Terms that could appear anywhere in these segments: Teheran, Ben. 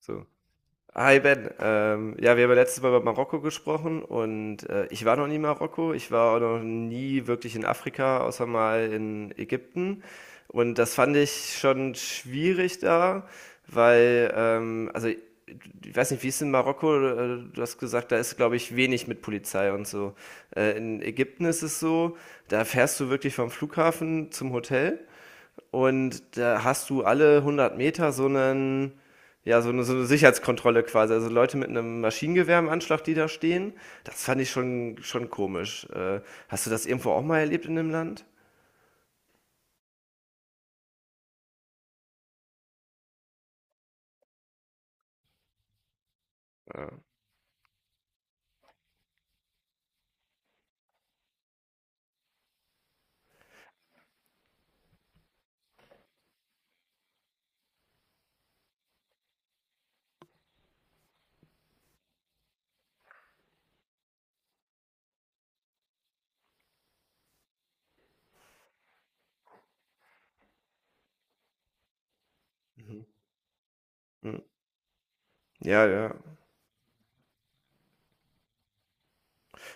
So. Hi Ben, ja, wir haben ja letztes Mal über Marokko gesprochen und ich war noch nie in Marokko, ich war auch noch nie wirklich in Afrika, außer mal in Ägypten und das fand ich schon schwierig da, weil, also ich weiß nicht, wie ist in Marokko, du hast gesagt, da ist, glaube ich, wenig mit Polizei und so. In Ägypten ist es so, da fährst du wirklich vom Flughafen zum Hotel. Und da hast du alle 100 Meter so einen, ja, so eine Sicherheitskontrolle quasi. Also Leute mit einem Maschinengewehr im Anschlag, die da stehen. Das fand ich schon komisch. Hast du das irgendwo auch mal erlebt in dem Land? Hm. Ja, ja.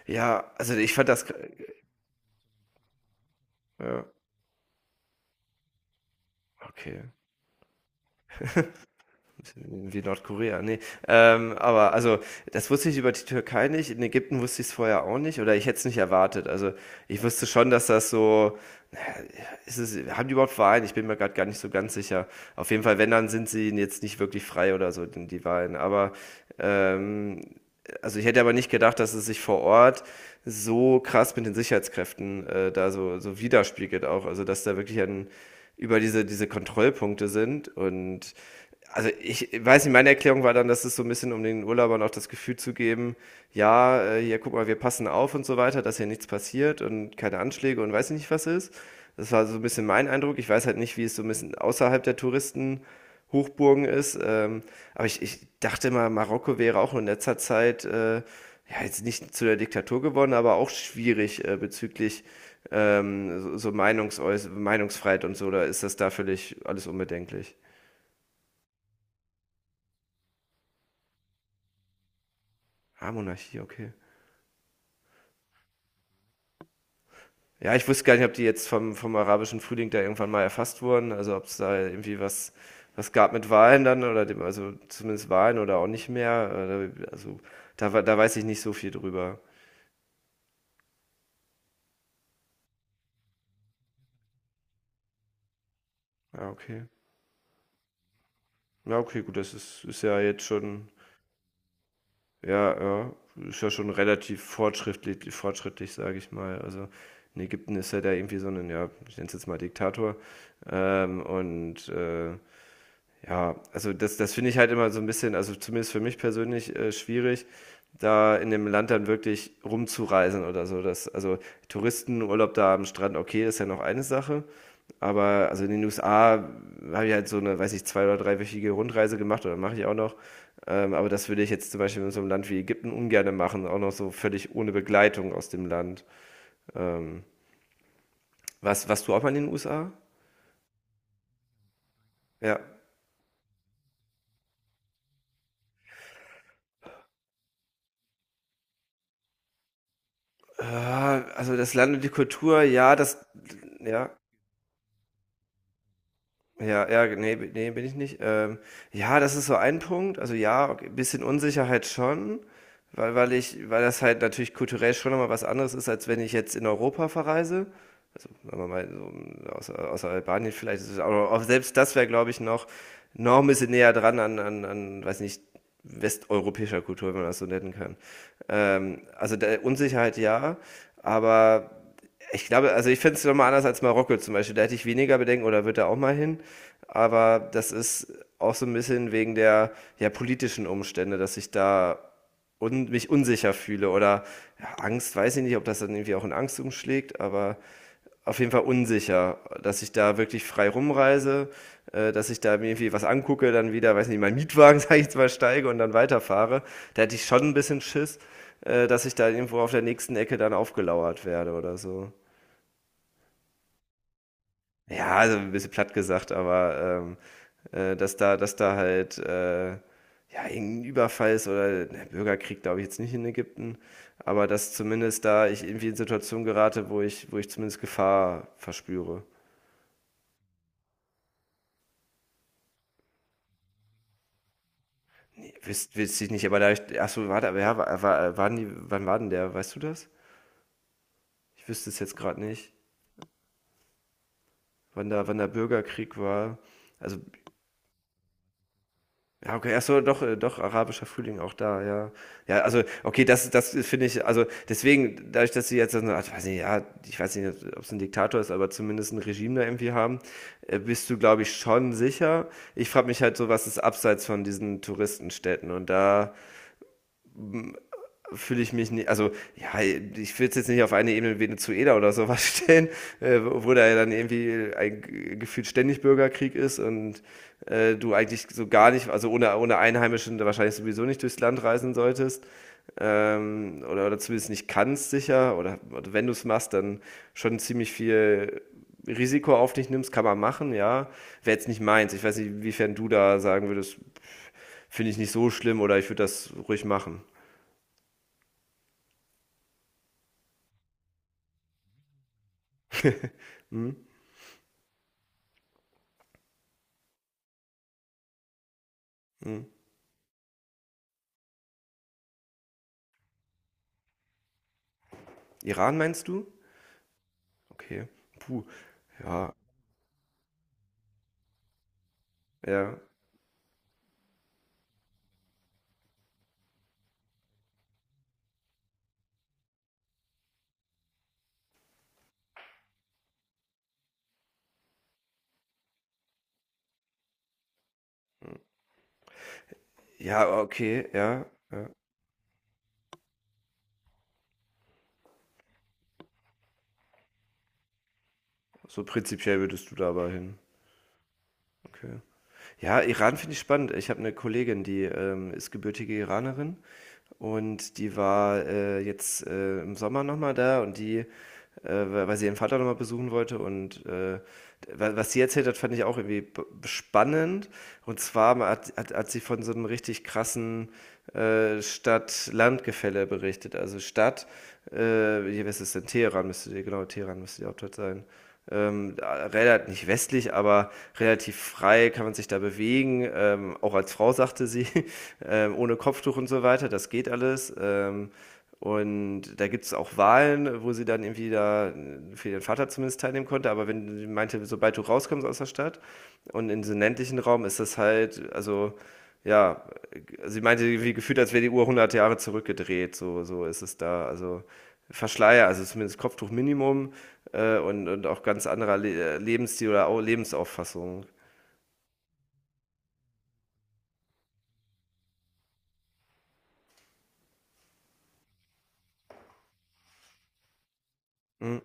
Ja, also ich fand das. Ja, okay. Wie Nordkorea. Nee. Aber also, das wusste ich über die Türkei nicht. In Ägypten wusste ich es vorher auch nicht. Oder ich hätte es nicht erwartet. Also ich wusste schon, dass das so ist es, haben die überhaupt Verein? Ich bin mir gerade gar nicht so ganz sicher. Auf jeden Fall, wenn, dann sind sie jetzt nicht wirklich frei oder so, denn die Wahlen. Aber ähm, also ich hätte aber nicht gedacht, dass es sich vor Ort so krass mit den Sicherheitskräften da so, so widerspiegelt auch. Also dass da wirklich ein, über diese Kontrollpunkte sind. Und also ich weiß nicht, meine Erklärung war dann, dass es so ein bisschen um den Urlaubern auch das Gefühl zu geben, ja, hier guck mal, wir passen auf und so weiter, dass hier nichts passiert und keine Anschläge und weiß ich nicht was ist. Das war so ein bisschen mein Eindruck. Ich weiß halt nicht, wie es so ein bisschen außerhalb der Touristen Hochburgen ist. Aber ich dachte mal, Marokko wäre auch in letzter Zeit ja, jetzt nicht zu der Diktatur geworden, aber auch schwierig bezüglich so, so Meinungsäuß Meinungsfreiheit und so. Da ist das da völlig alles unbedenklich. Ah, Monarchie, okay. Ja, ich wusste gar nicht, ob die jetzt vom arabischen Frühling da irgendwann mal erfasst wurden. Also ob es da irgendwie was, was gab mit Wahlen dann oder dem, also zumindest Wahlen oder auch nicht mehr. Also da, da weiß ich nicht so viel drüber. Ja, okay. Ja, okay, gut, das ist ja jetzt schon ja, ja, ist ja schon relativ fortschrittlich, sage ich mal. Also, in Ägypten ist ja da irgendwie so ein ja, ich nenne es jetzt mal Diktator, und, ja, also das finde ich halt immer so ein bisschen, also zumindest für mich persönlich, schwierig, da in dem Land dann wirklich rumzureisen oder so. Das also Touristenurlaub da am Strand, okay, ist ja noch eine Sache, aber also in den USA habe ich halt so eine, weiß ich, zwei oder dreiwöchige Rundreise gemacht oder mache ich auch noch. Aber das würde ich jetzt zum Beispiel in so einem Land wie Ägypten ungerne machen, auch noch so völlig ohne Begleitung aus dem Land. Ähm, Was warst du auch mal in den USA? Ja. Ah, also das Land und die Kultur, ja, das ja. Ja, ja, nee, b ne, bin ich nicht. Ja, das ist so ein Punkt. Also ja, okay, bisschen Unsicherheit schon, weil weil ich weil das halt natürlich kulturell schon noch was anderes ist, als wenn ich jetzt in Europa verreise. Also, wenn man mal so außer Albanien vielleicht ist es, aber auch selbst das wäre, glaube ich, noch ein bisschen näher dran an weiß nicht, westeuropäischer Kultur, wenn man das so nennen kann. Also der Unsicherheit ja, aber ich glaube, also ich finde es nochmal anders als Marokko zum Beispiel. Da hätte ich weniger Bedenken oder wird er auch mal hin. Aber das ist auch so ein bisschen wegen der ja, politischen Umstände, dass ich da un mich unsicher fühle oder ja, Angst, weiß ich nicht, ob das dann irgendwie auch in Angst umschlägt, aber auf jeden Fall unsicher, dass ich da wirklich frei rumreise, dass ich da mir irgendwie was angucke, dann wieder, weiß nicht, meinen Mietwagen, sage ich jetzt mal, steige und dann weiterfahre. Da hätte ich schon ein bisschen Schiss, dass ich da irgendwo auf der nächsten Ecke dann aufgelauert werde oder so. Ja, also ein bisschen platt gesagt, aber dass da halt ja, irgendein Überfall ist oder ne, Bürgerkrieg, glaube ich, jetzt nicht in Ägypten, aber dass zumindest da ich irgendwie in Situationen gerate, wo ich zumindest Gefahr verspüre. Nee, wüsste ich nicht, aber da ich, ach so, warte, aber ja, waren die, wann war denn der, weißt du das? Ich wüsste es jetzt gerade nicht, wann da, wann der Bürgerkrieg war. Also ja, okay, ach so, doch, doch, arabischer Frühling auch da, ja. Ja, also, okay, das, das finde ich, also, deswegen, dadurch, dass sie jetzt, so, ach, weiß nicht, ja, ich weiß nicht, ob es ein Diktator ist, aber zumindest ein Regime da irgendwie haben, bist du, glaube ich, schon sicher. Ich frage mich halt so, was ist abseits von diesen Touristenstädten und da, fühle ich mich nicht, also ja, ich will es jetzt nicht auf eine Ebene wie Venezuela oder sowas stellen, wo da ja dann irgendwie ein gefühlt ständig Bürgerkrieg ist und du eigentlich so gar nicht, also ohne Einheimischen wahrscheinlich sowieso nicht durchs Land reisen solltest. Oder zumindest nicht kannst sicher, oder wenn du es machst, dann schon ziemlich viel Risiko auf dich nimmst, kann man machen, ja. Wäre jetzt nicht meins. Ich weiß nicht, inwiefern du da sagen würdest, finde ich nicht so schlimm oder ich würde das ruhig machen. Hm? Mhm. Iran meinst du? Okay. Puh. Ja, ja. Ja, okay, ja, ja. So prinzipiell würdest du da aber hin. Okay. Ja, Iran finde ich spannend. Ich habe eine Kollegin, die ist gebürtige Iranerin und die war jetzt im Sommer nochmal da und die weil sie ihren Vater nochmal besuchen wollte. Und was sie erzählt hat, fand ich auch irgendwie spannend. Und zwar hat sie von so einem richtig krassen Stadt-Land-Gefälle berichtet. Also Stadt, äh, hier, was ist es denn? Teheran müsste die, genau, Teheran müsste die Hauptstadt sein. Relativ, nicht westlich, aber relativ frei kann man sich da bewegen. Auch als Frau sagte sie, ohne Kopftuch und so weiter, das geht alles. Und da gibt es auch Wahlen, wo sie dann irgendwie da für ihren Vater zumindest teilnehmen konnte. Aber wenn sie meinte, sobald du rauskommst aus der Stadt und in den ländlichen Raum ist das halt, also ja, sie meinte irgendwie gefühlt, als wäre die Uhr 100 Jahre zurückgedreht. So, so ist es da. Also Verschleier, also zumindest Kopftuch Minimum und auch ganz anderer Le Lebensstil oder Lebensauffassung. Mhm.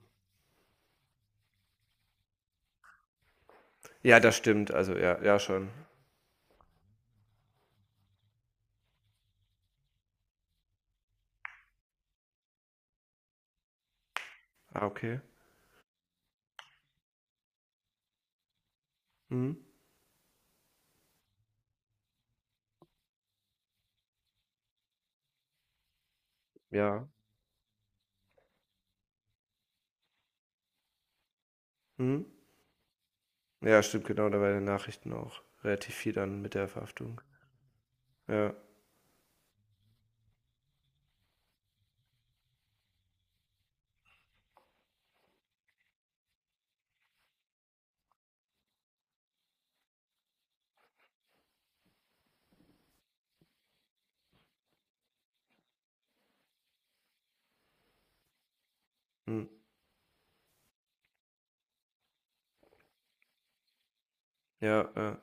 Ja, das stimmt. Also ja, ja schon. Ah, okay. Mhm. Ja. Mhm. Ja, stimmt, genau, da war in den Nachrichten auch relativ viel dann mit der Verhaftung. Ja, mhm. Ja, ja,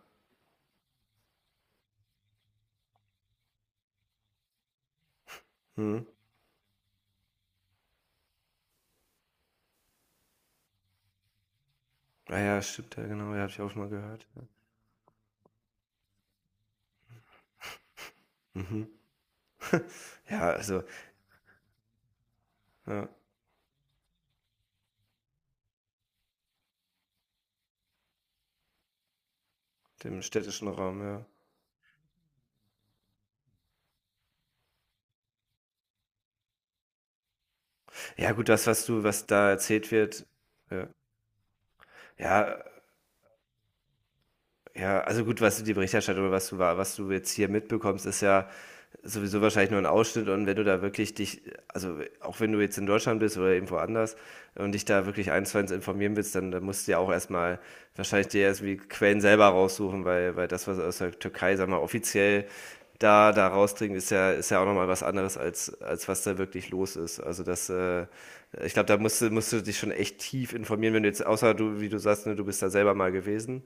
mhm. Ah ja, stimmt, ja, genau, ja, habe ich auch mal gehört. Mhm. Ja, also, ja, dem städtischen Raum, ja. Ja, gut, das, was du was da erzählt wird, ja. Ja, ja, also gut, was du die Berichterstattung oder was du was du jetzt hier mitbekommst, ist ja sowieso wahrscheinlich nur ein Ausschnitt und wenn du da wirklich dich, also auch wenn du jetzt in Deutschland bist oder irgendwo anders und dich da wirklich eins zu eins informieren willst, dann musst du ja auch erstmal wahrscheinlich dir erst wie Quellen selber raussuchen, weil, weil das, was aus der Türkei, sag mal, offiziell da, da rausdringt, ist ja auch nochmal was anderes, als was da wirklich los ist. Also das, ich glaube, da musst du dich schon echt tief informieren, wenn du jetzt, außer du, wie du sagst, ne, du bist da selber mal gewesen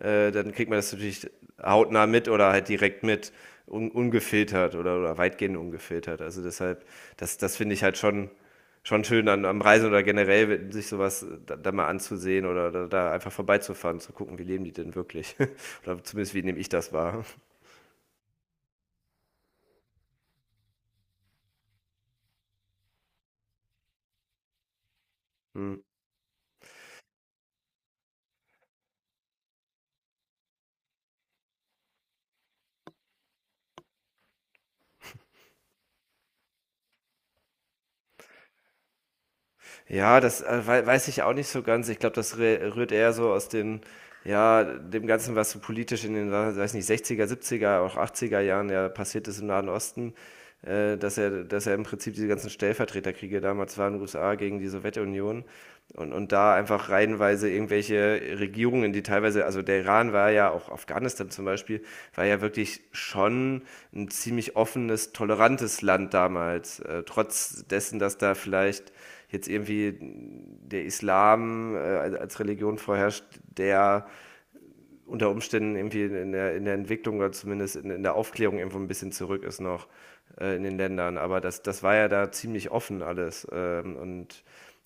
dann kriegt man das natürlich hautnah mit oder halt direkt mit, un ungefiltert oder weitgehend ungefiltert. Also deshalb, das finde ich halt schon schön an, am Reisen oder generell, sich sowas da, da mal anzusehen oder da, da einfach vorbeizufahren, zu gucken, wie leben die denn wirklich. Oder zumindest, wie nehme ich das wahr. Hm. Ja, das weiß ich auch nicht so ganz. Ich glaube, das rührt eher so aus den, ja, dem Ganzen, was so politisch in den, weiß nicht, 60er, 70er, auch 80er Jahren ja passiert ist im Nahen Osten, dass er im Prinzip diese ganzen Stellvertreterkriege damals waren, USA gegen die Sowjetunion und da einfach reihenweise irgendwelche Regierungen, die teilweise, also der Iran war ja, auch Afghanistan zum Beispiel, war ja wirklich schon ein ziemlich offenes, tolerantes Land damals, trotz dessen, dass da vielleicht jetzt irgendwie der Islam als Religion vorherrscht, der unter Umständen irgendwie in der Entwicklung oder zumindest in der Aufklärung irgendwo ein bisschen zurück ist noch in den Ländern. Aber das, das war ja da ziemlich offen alles und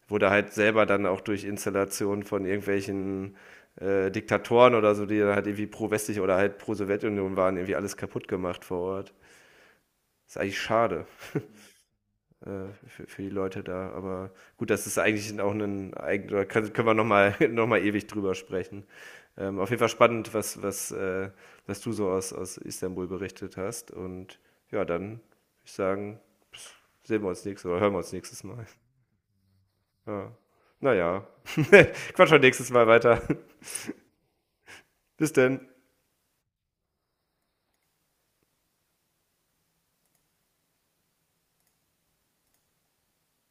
wurde halt selber dann auch durch Installationen von irgendwelchen Diktatoren oder so, die dann halt irgendwie pro-westlich oder halt pro-Sowjetunion waren, irgendwie alles kaputt gemacht vor Ort. Das ist eigentlich schade für die Leute da. Aber gut, das ist eigentlich auch ein oder können wir nochmal noch mal ewig drüber sprechen. Auf jeden Fall spannend, was du so aus, aus Istanbul berichtet hast. Und ja, dann würde ich sagen, pss, sehen wir uns nächstes oder hören wir uns nächstes Mal. Ja. Naja, quatsch schon nächstes Mal weiter. Bis denn.